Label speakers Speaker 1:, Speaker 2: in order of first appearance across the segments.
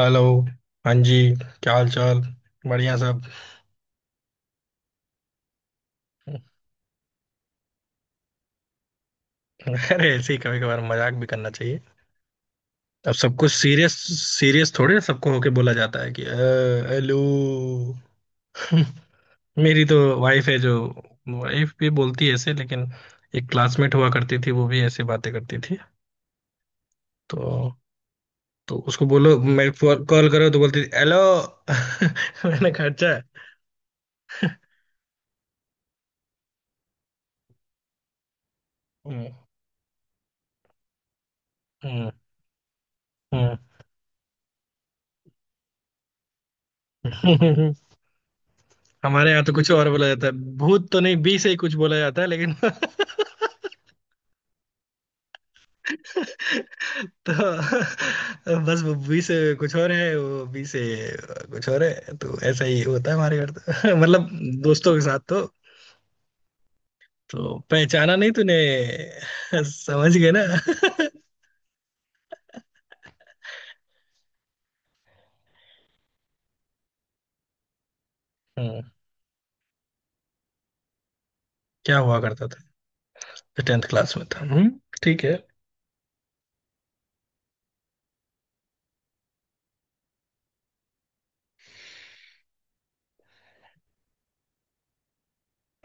Speaker 1: Hello. हाँ जी। क्या हाल चाल। बढ़िया सब। अरे ऐसे ही कभी कभार मजाक भी करना चाहिए। अब सब कुछ सीरियस सीरियस थोड़े सबको होके बोला जाता है कि हेलो"। मेरी तो वाइफ है जो वाइफ भी बोलती है ऐसे लेकिन। एक क्लासमेट हुआ करती थी वो भी ऐसे बातें करती थी। तो उसको बोलो मैं कॉल करो तो बोलती थी हेलो। मैंने कहा अच्छा। हम्म। हम्म। हम्म। हमारे यहाँ तो कुछ और बोला जाता है। भूत तो नहीं, बी से ही कुछ बोला जाता है लेकिन तो बस वो बी से कुछ और है। वो बी से कुछ और है। तो ऐसा ही होता है हमारे घर तो मतलब दोस्तों के साथ तो। तो पहचाना नहीं तूने। समझ गए ना हम्म, क्या हुआ करता था। टेंथ क्लास में था, हम्म। ठीक है।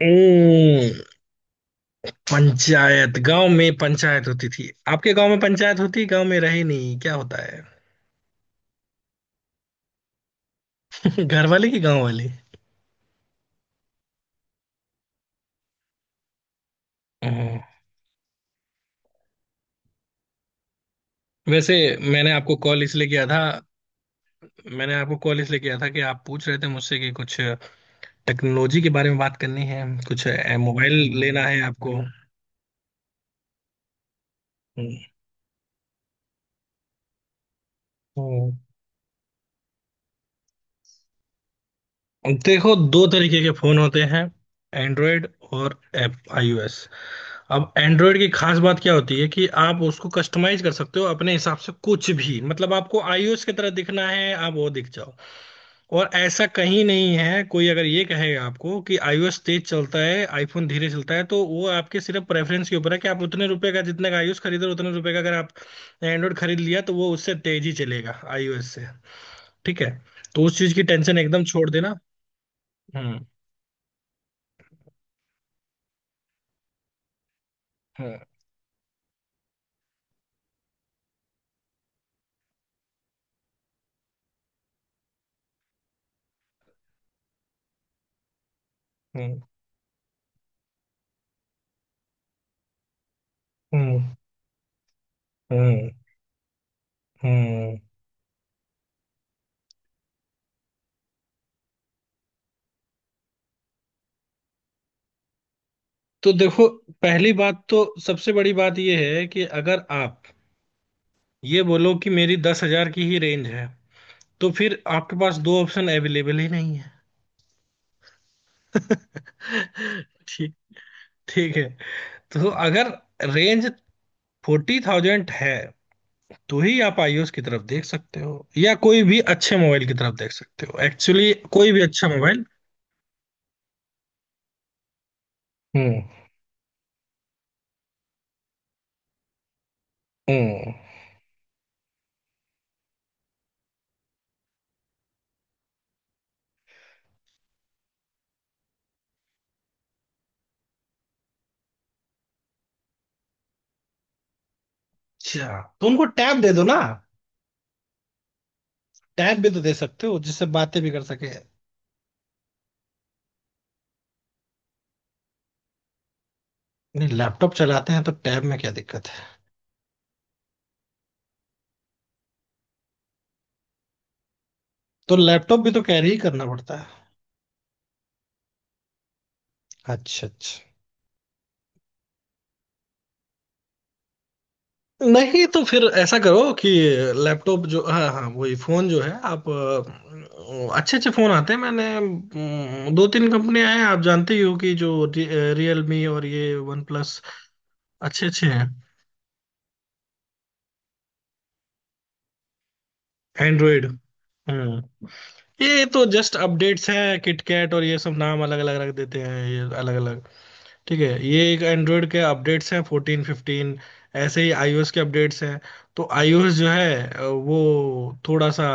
Speaker 1: हम्म, पंचायत गांव में, पंचायत होती थी आपके गांव में, पंचायत होती गांव में, रहे नहीं क्या होता है। घर वाले की, गांव वाली। हाँ, वैसे मैंने आपको कॉल इसलिए किया था। मैंने आपको कॉल इसलिए किया था कि आप पूछ रहे थे मुझसे कि कुछ टेक्नोलॉजी के बारे में बात करनी है, कुछ मोबाइल लेना है आपको। हम्म, हम्म। देखो, दो तरीके के फोन होते हैं, एंड्रॉयड और एप आईओएस। अब एंड्रॉयड की खास बात क्या होती है कि आप उसको कस्टमाइज कर सकते हो अपने हिसाब से कुछ भी, मतलब आपको आईओएस की तरह दिखना है आप वो दिख जाओ। और ऐसा कहीं नहीं है, कोई अगर ये कहेगा आपको कि आईओएस तेज चलता है आईफोन धीरे चलता है तो वो आपके सिर्फ प्रेफरेंस के ऊपर है कि आप उतने रुपए का जितने का आईओएस खरीदो, उतने रुपए का अगर आप एंड्रॉयड खरीद लिया तो वो उससे तेज ही चलेगा आईओएस से। ठीक है। तो उस चीज की टेंशन एकदम छोड़ देना। हम्म। हम्म। हम्म। हम्म। हम्म। हम्म। तो देखो, पहली बात तो सबसे बड़ी बात यह है कि अगर आप ये बोलो कि मेरी 10,000 की ही रेंज है तो फिर आपके पास दो ऑप्शन अवेलेबल ही नहीं है। ठीक ठीक है। तो अगर रेंज 40,000 है तो ही आप आईओएस की तरफ देख सकते हो या कोई भी अच्छे मोबाइल की तरफ देख सकते हो एक्चुअली, कोई भी अच्छा मोबाइल। हम्म। हम्म। अच्छा। तो उनको टैब दे दो ना। टैब भी तो दे सकते हो जिससे बातें भी कर सके, नहीं। लैपटॉप चलाते हैं तो टैब में क्या दिक्कत। तो लैपटॉप भी तो कैरी ही करना पड़ता है। अच्छा अच्छा। नहीं तो फिर ऐसा करो कि लैपटॉप जो, हाँ हाँ, वही फोन जो है आप। अच्छे अच्छे फोन आते हैं। मैंने दो तीन कंपनियां हैं, आप जानते ही हो कि जो रियलमी और ये वन प्लस अच्छे अच्छे हैं। एंड्रॉयड। हम्म। ये तो जस्ट अपडेट्स हैं, किटकैट और ये सब नाम अलग अलग रख देते हैं, ये अलग अलग। ठीक है। ये एक एंड्रॉयड के अपडेट्स हैं 14 15। ऐसे ही आईओएस के अपडेट्स हैं। तो आईओएस जो है वो थोड़ा सा,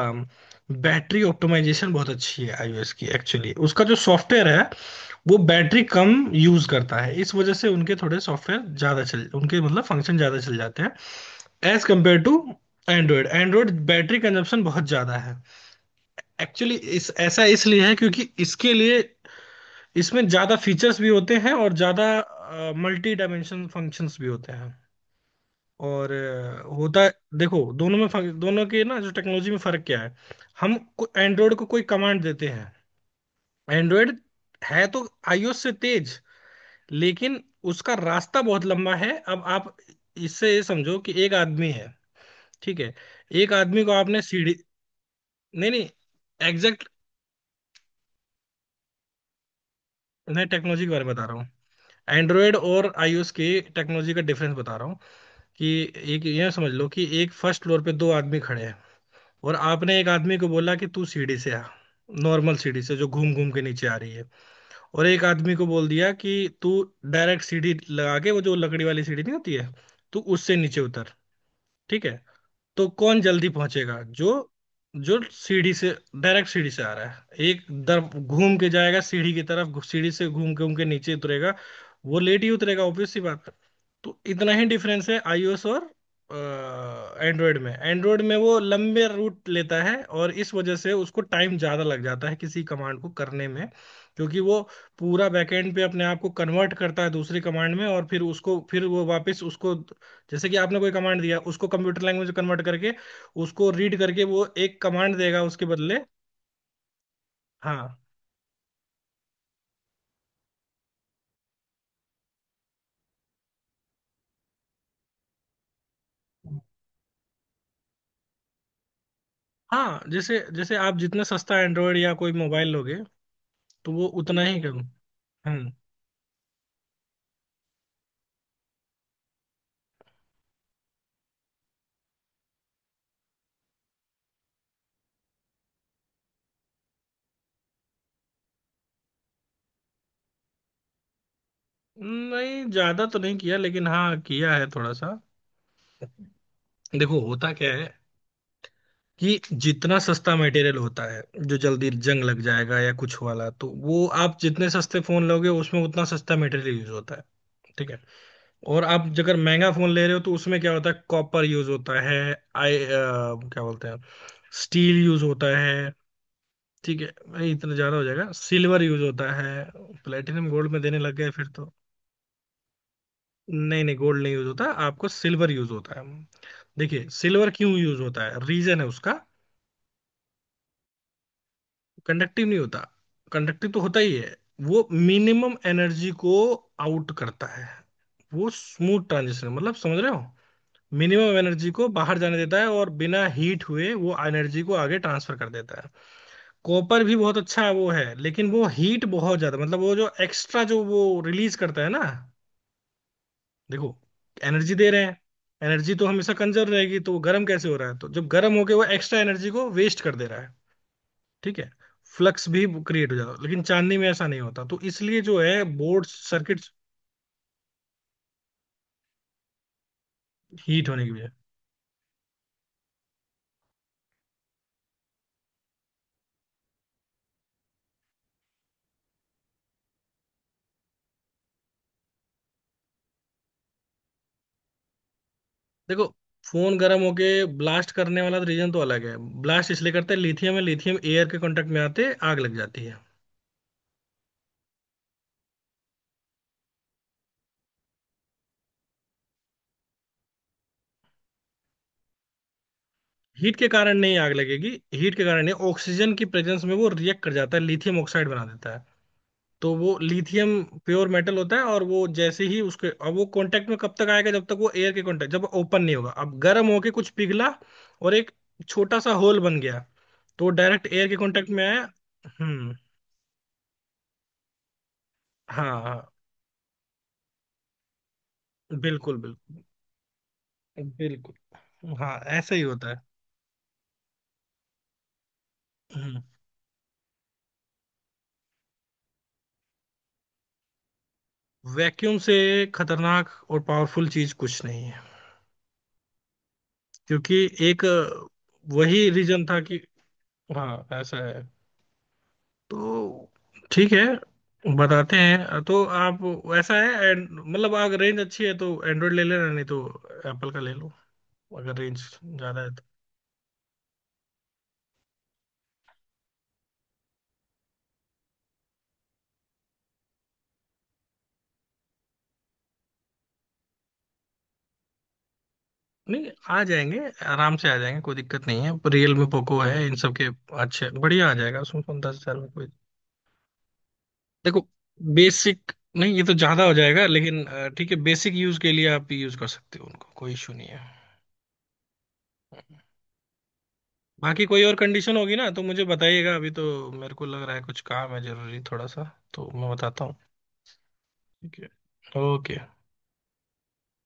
Speaker 1: बैटरी ऑप्टिमाइजेशन बहुत अच्छी है आईओएस की एक्चुअली। उसका जो सॉफ्टवेयर है वो बैटरी कम यूज करता है, इस वजह से उनके थोड़े सॉफ्टवेयर ज्यादा चल, उनके मतलब फंक्शन ज्यादा चल जाते हैं as compared to Android. Android battery consumption बहुत ज्यादा है एक्चुअली। इस ऐसा इसलिए है क्योंकि इसके लिए इसमें ज्यादा फीचर्स भी होते हैं और ज्यादा मल्टी डायमेंशन फंक्शंस भी होते हैं और होता है। देखो दोनों में दोनों के ना, जो टेक्नोलॉजी में फर्क क्या है। हम एंड्रॉयड को कोई कमांड देते हैं। एंड्रॉयड है तो आईओएस से तेज, लेकिन उसका रास्ता बहुत लंबा है। अब आप इससे ये समझो कि एक आदमी है, ठीक है, एक आदमी को आपने सीढ़ी। नहीं नहीं, एग्जैक्ट, मैं टेक्नोलॉजी के बारे में बता रहा हूँ, एंड्रॉयड और आईओएस की टेक्नोलॉजी का डिफरेंस बता रहा हूँ कि एक यह समझ लो कि एक फर्स्ट फ्लोर पे दो आदमी खड़े हैं और आपने एक आदमी को बोला कि तू सीढ़ी से आ, नॉर्मल सीढ़ी से जो घूम घूम के नीचे आ रही है, और एक आदमी को बोल दिया कि तू डायरेक्ट सीढ़ी लगा के, वो जो लकड़ी वाली सीढ़ी नहीं होती है, तू उससे नीचे उतर। ठीक है। तो कौन जल्दी पहुंचेगा, जो जो सीढ़ी से डायरेक्ट सीढ़ी से आ रहा है। एक दर घूम के जाएगा सीढ़ी की तरफ, सीढ़ी से घूम के नीचे उतरेगा, वो लेट ही उतरेगा, ऑब्वियस सी बात है। तो इतना ही डिफरेंस है आईओएस और एंड्रॉयड में। एंड्रॉयड में वो लंबे रूट लेता है और इस वजह से उसको टाइम ज्यादा लग जाता है किसी कमांड को करने में, क्योंकि वो पूरा बैकएंड पे अपने आप को कन्वर्ट करता है दूसरी कमांड में और फिर उसको, फिर वो वापस उसको, जैसे कि आपने कोई कमांड दिया उसको कंप्यूटर लैंग्वेज में कन्वर्ट करके उसको रीड करके वो एक कमांड देगा उसके बदले। हाँ। हाँ, जैसे जैसे आप जितना सस्ता एंड्रॉयड या कोई मोबाइल लोगे तो वो उतना ही कम। हम्म। नहीं, ज्यादा तो नहीं किया लेकिन हाँ किया है थोड़ा सा। देखो होता क्या है, कि जितना सस्ता मटेरियल होता है जो जल्दी जंग लग जाएगा या कुछ वाला, तो वो आप जितने सस्ते फोन लोगे उसमें उतना सस्ता मटेरियल यूज होता है। ठीक है। और आप अगर महंगा फोन ले रहे हो तो उसमें क्या होता है, कॉपर यूज होता है। क्या बोलते हैं, स्टील यूज होता है। ठीक है, नहीं, इतना ज्यादा हो जाएगा, सिल्वर यूज होता है। प्लेटिनम गोल्ड में देने लग गए फिर तो। नहीं नहीं, गोल्ड नहीं यूज होता आपको, सिल्वर यूज होता है। देखिए सिल्वर क्यों यूज होता है, रीजन है उसका। कंडक्टिव नहीं होता, कंडक्टिव तो होता ही है। वो मिनिमम एनर्जी को आउट करता है। वो स्मूथ ट्रांजिशन, मतलब समझ रहे हो, मिनिमम एनर्जी को बाहर जाने देता है और बिना हीट हुए वो एनर्जी को आगे ट्रांसफर कर देता है। कॉपर भी बहुत अच्छा वो है, लेकिन वो हीट बहुत ज्यादा, मतलब वो जो एक्स्ट्रा जो वो रिलीज करता है ना। देखो, एनर्जी दे रहे हैं, एनर्जी तो हमेशा कंजर्व रहेगी, तो वो गर्म कैसे हो रहा है, तो जब गर्म होके वो एक्स्ट्रा एनर्जी को वेस्ट कर दे रहा है। ठीक है। फ्लक्स भी क्रिएट हो जाता है, लेकिन चांदनी में ऐसा नहीं होता, तो इसलिए जो है बोर्ड सर्किट हीट होने की वजह। देखो, फोन गर्म होके ब्लास्ट करने वाला रीजन तो अलग है। ब्लास्ट इसलिए करते हैं, लिथियम है, लिथियम एयर के कांटेक्ट में आते आग लग जाती है। हीट के कारण नहीं आग लगेगी, हीट के कारण नहीं, ऑक्सीजन की प्रेजेंस में वो रिएक्ट कर जाता है, लिथियम ऑक्साइड बना देता है। तो वो लिथियम प्योर मेटल होता है और वो जैसे ही उसके, अब वो कांटेक्ट में कब तक आएगा, जब तक वो एयर के कांटेक्ट जब ओपन नहीं होगा, अब गर्म होके कुछ पिघला और एक छोटा सा होल बन गया, तो डायरेक्ट एयर के कांटेक्ट में आया। हम्म। हाँ हाँ। बिल्कुल बिल्कुल। बिल्कुल हाँ, ऐसा ही होता है। हम्म, वैक्यूम से खतरनाक और पावरफुल चीज कुछ नहीं है, क्योंकि एक वही रीजन था कि। हाँ ऐसा है। तो ठीक है, बताते हैं। तो आप, ऐसा है मतलब अगर रेंज अच्छी है तो एंड्रॉइड ले लेना, नहीं तो एप्पल का ले लो अगर रेंज ज्यादा है तो। नहीं, आ जाएंगे, आराम से आ जाएंगे, कोई दिक्कत नहीं है, रियल में पोको है इन सब के अच्छे बढ़िया आ जाएगा उसमें, 10,000 में कोई। देखो बेसिक, नहीं ये तो ज्यादा हो जाएगा, लेकिन ठीक है, बेसिक यूज के लिए आप यूज कर सकते हो, उनको कोई इशू नहीं है। बाकी कोई और कंडीशन होगी ना तो मुझे बताइएगा। अभी तो मेरे को लग रहा है कुछ काम है जरूरी थोड़ा सा, तो मैं बताता हूँ। ठीक है। ओके।